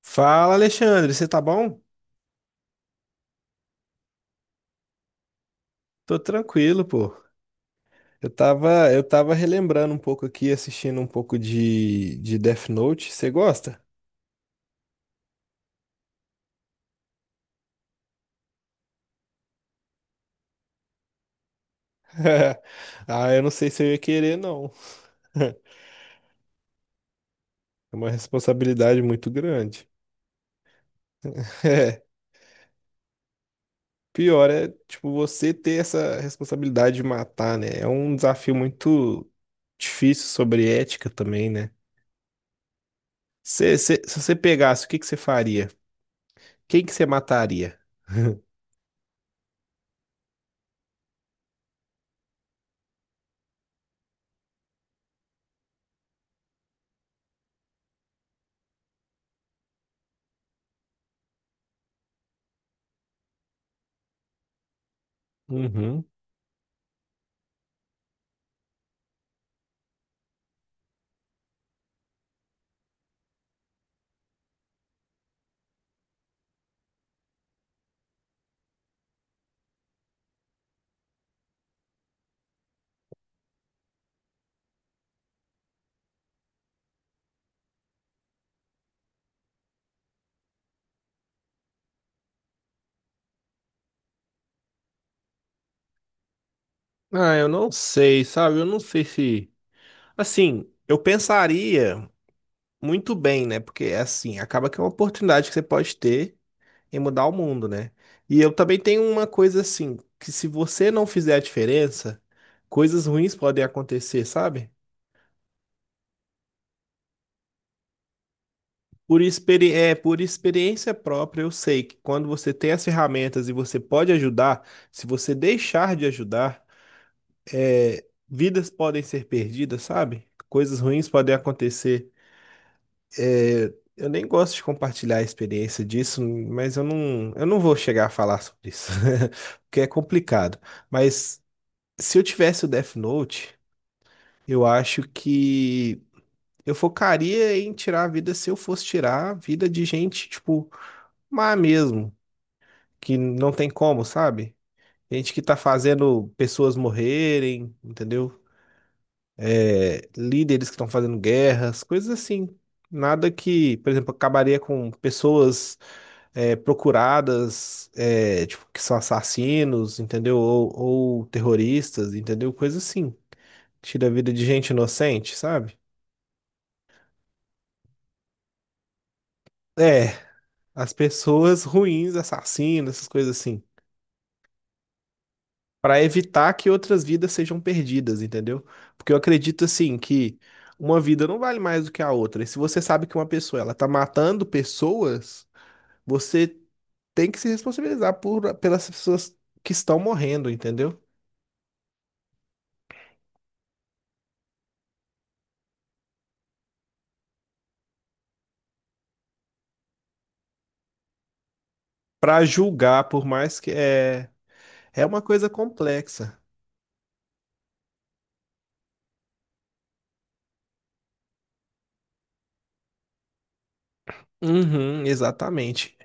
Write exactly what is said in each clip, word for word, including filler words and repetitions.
Fala, Alexandre, você tá bom? Tô tranquilo, pô. Eu tava, eu tava relembrando um pouco aqui, assistindo um pouco de, de Death Note. Você gosta? Ah, eu não sei se eu ia querer, não. É uma responsabilidade muito grande. É, pior é, tipo, você ter essa responsabilidade de matar, né? É um desafio muito difícil sobre ética também, né? Cê- cê- se você pegasse, o que que você faria? Quem que você mataria? Uhum. Ah, eu não sei, sabe? Eu não sei se. Assim, eu pensaria muito bem, né? Porque, assim, acaba que é uma oportunidade que você pode ter em mudar o mundo, né? E eu também tenho uma coisa assim, que se você não fizer a diferença, coisas ruins podem acontecer, sabe? Por experi... é, por experiência própria, eu sei que quando você tem as ferramentas e você pode ajudar, se você deixar de ajudar, é, vidas podem ser perdidas, sabe? Coisas ruins podem acontecer. Eu nem gosto de compartilhar a experiência disso, mas eu não, eu não vou chegar a falar sobre isso, porque é complicado. Mas se eu tivesse o Death Note, eu acho que eu focaria em tirar a vida se eu fosse tirar a vida de gente, tipo, má mesmo, que não tem como, sabe? Gente que tá fazendo pessoas morrerem, entendeu? É, líderes que estão fazendo guerras, coisas assim. Nada que, por exemplo, acabaria com pessoas é, procuradas, é, tipo, que são assassinos, entendeu? Ou, ou terroristas, entendeu? Coisa assim. Tira a vida de gente inocente, sabe? É, as pessoas ruins, assassinos, essas coisas assim. Pra evitar que outras vidas sejam perdidas, entendeu? Porque eu acredito, assim, que uma vida não vale mais do que a outra. E se você sabe que uma pessoa, ela tá matando pessoas, você tem que se responsabilizar por, pelas pessoas que estão morrendo, entendeu? Para julgar, por mais que é, é uma coisa complexa. Uhum, exatamente.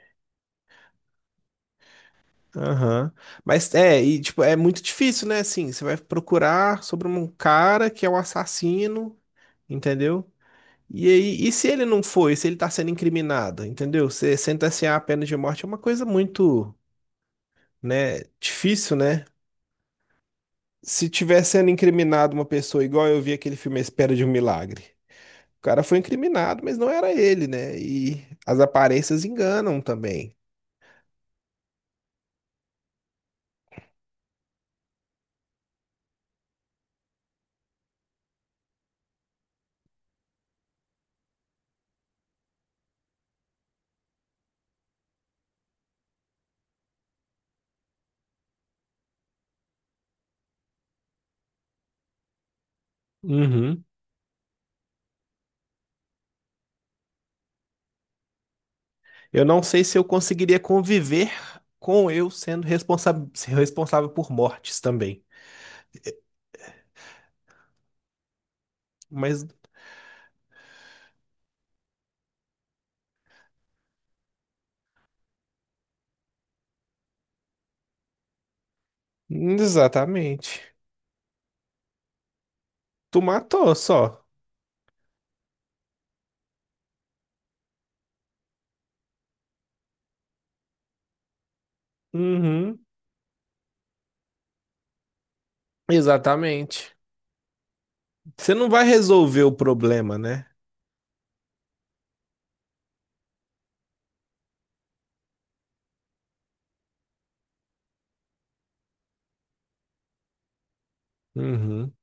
Aham. Mas é, e tipo, é muito difícil, né? Assim, você vai procurar sobre um cara que é um assassino, entendeu? E aí, e se ele não foi, se ele tá sendo incriminado, entendeu? Você sentenciar a pena de morte é uma coisa muito, né, difícil, né? Se tiver sendo incriminado uma pessoa igual eu vi aquele filme A Espera de um Milagre. O cara foi incriminado, mas não era ele, né? E as aparências enganam também. Uhum. Eu não sei se eu conseguiria conviver com eu sendo responsa- responsável por mortes também. Mas, exatamente. Tu matou só. Uhum. Exatamente. Você não vai resolver o problema, né? Uhum.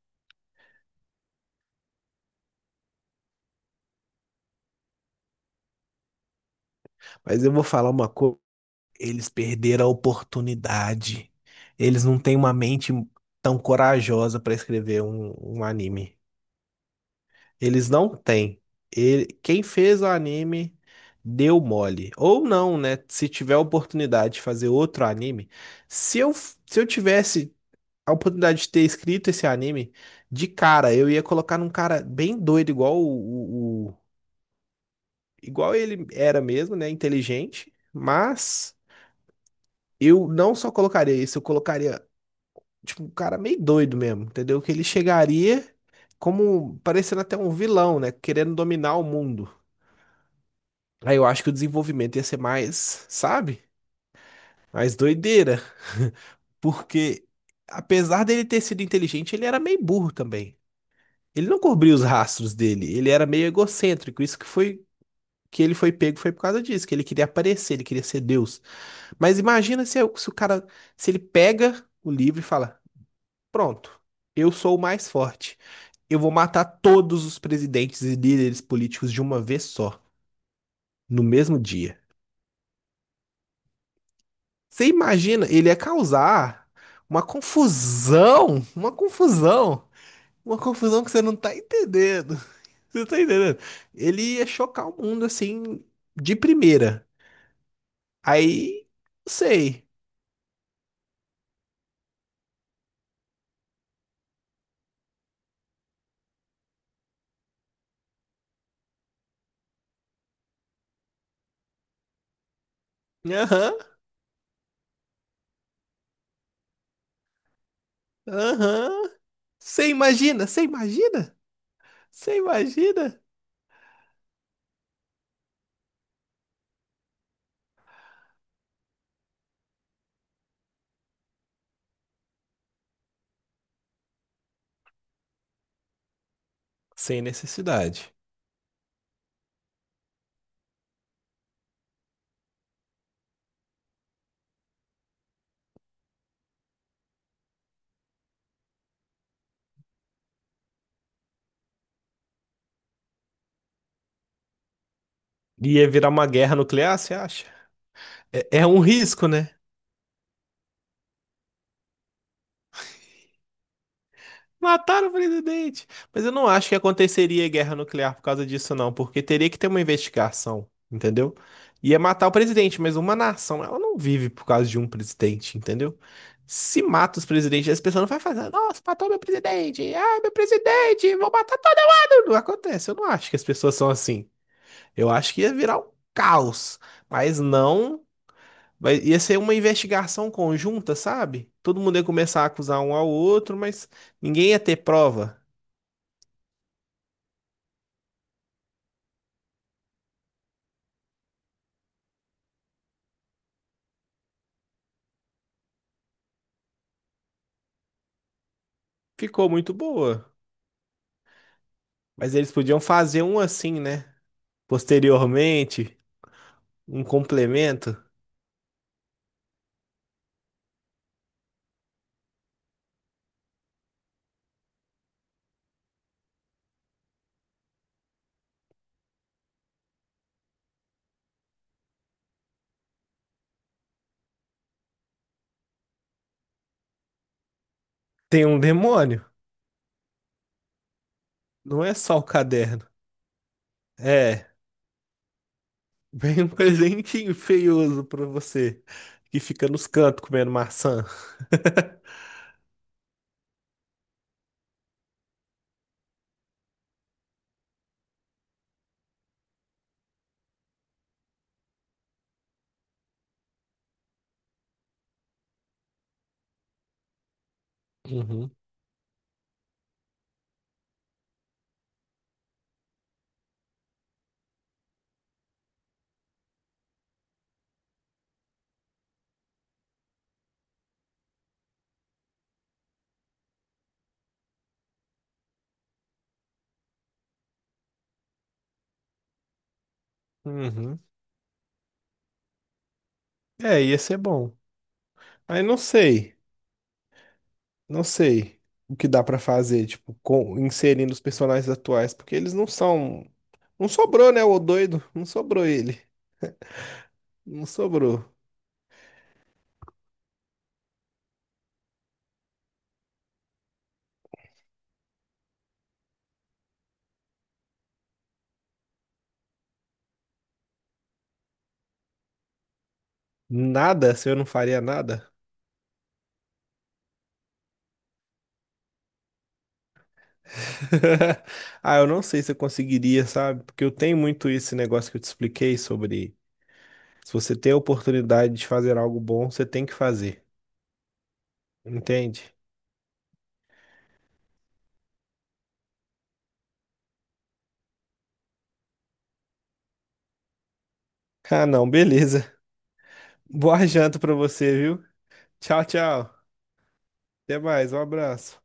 Mas eu vou falar uma coisa. Eles perderam a oportunidade. Eles não têm uma mente tão corajosa para escrever um, um anime. Eles não têm. Ele, quem fez o anime deu mole. Ou não, né? Se tiver a oportunidade de fazer outro anime, se eu, f- se eu tivesse a oportunidade de ter escrito esse anime, de cara, eu ia colocar num cara bem doido, igual o, o- o- igual ele era mesmo, né? Inteligente. Mas eu não só colocaria isso, eu colocaria, tipo, um cara meio doido mesmo, entendeu? Que ele chegaria como parecendo até um vilão, né? Querendo dominar o mundo. Aí eu acho que o desenvolvimento ia ser mais, sabe? Mais doideira. Porque, apesar dele ter sido inteligente, ele era meio burro também. Ele não cobria os rastros dele, ele era meio egocêntrico. Isso que foi que ele foi pego foi por causa disso, que ele queria aparecer, ele queria ser Deus. Mas imagina se, se o cara, se ele pega o livro e fala: "Pronto, eu sou o mais forte. Eu vou matar todos os presidentes e líderes políticos de uma vez só, no mesmo dia." Você imagina, ele ia causar uma confusão, uma confusão, uma confusão que você não tá entendendo. Você não tá entendendo? Ele ia chocar o mundo assim, de primeira. Aí, não sei. Aham, aham. Você imagina, você imagina, você imagina. Sem necessidade. Ia virar uma guerra nuclear, você acha? É, é um risco, né? Mataram o presidente. Mas eu não acho que aconteceria guerra nuclear por causa disso, não, porque teria que ter uma investigação, entendeu? Ia matar o presidente, mas uma nação, ela não vive por causa de um presidente, entendeu? Se mata os presidentes, as pessoas não vai fazer, nossa, matou meu presidente, ah, meu presidente, vou matar todo mundo. Não acontece, eu não acho que as pessoas são assim. Eu acho que ia virar um caos, mas não. vai- Ia ser uma investigação conjunta, sabe? Todo mundo ia começar a acusar um ao outro, mas ninguém ia ter prova. Ficou muito boa. Mas eles podiam fazer um assim, né? Posteriormente, um complemento. Tem um demônio. Não é só o caderno. É, vem um presentinho feioso pra você, que fica nos cantos comendo maçã. Uhum, uhum. É, ia ser bom. Aí não sei. Não sei o que dá pra fazer, tipo, com, inserindo os personagens atuais, porque eles não são. Não sobrou, né, o doido? Não sobrou ele. Não sobrou. Nada, se eu não faria nada. Ah, eu não sei se eu conseguiria, sabe? Porque eu tenho muito esse negócio que eu te expliquei sobre se você tem a oportunidade de fazer algo bom, você tem que fazer. Entende? Ah, não, beleza. Boa janta pra você, viu? Tchau, tchau. Até mais, um abraço.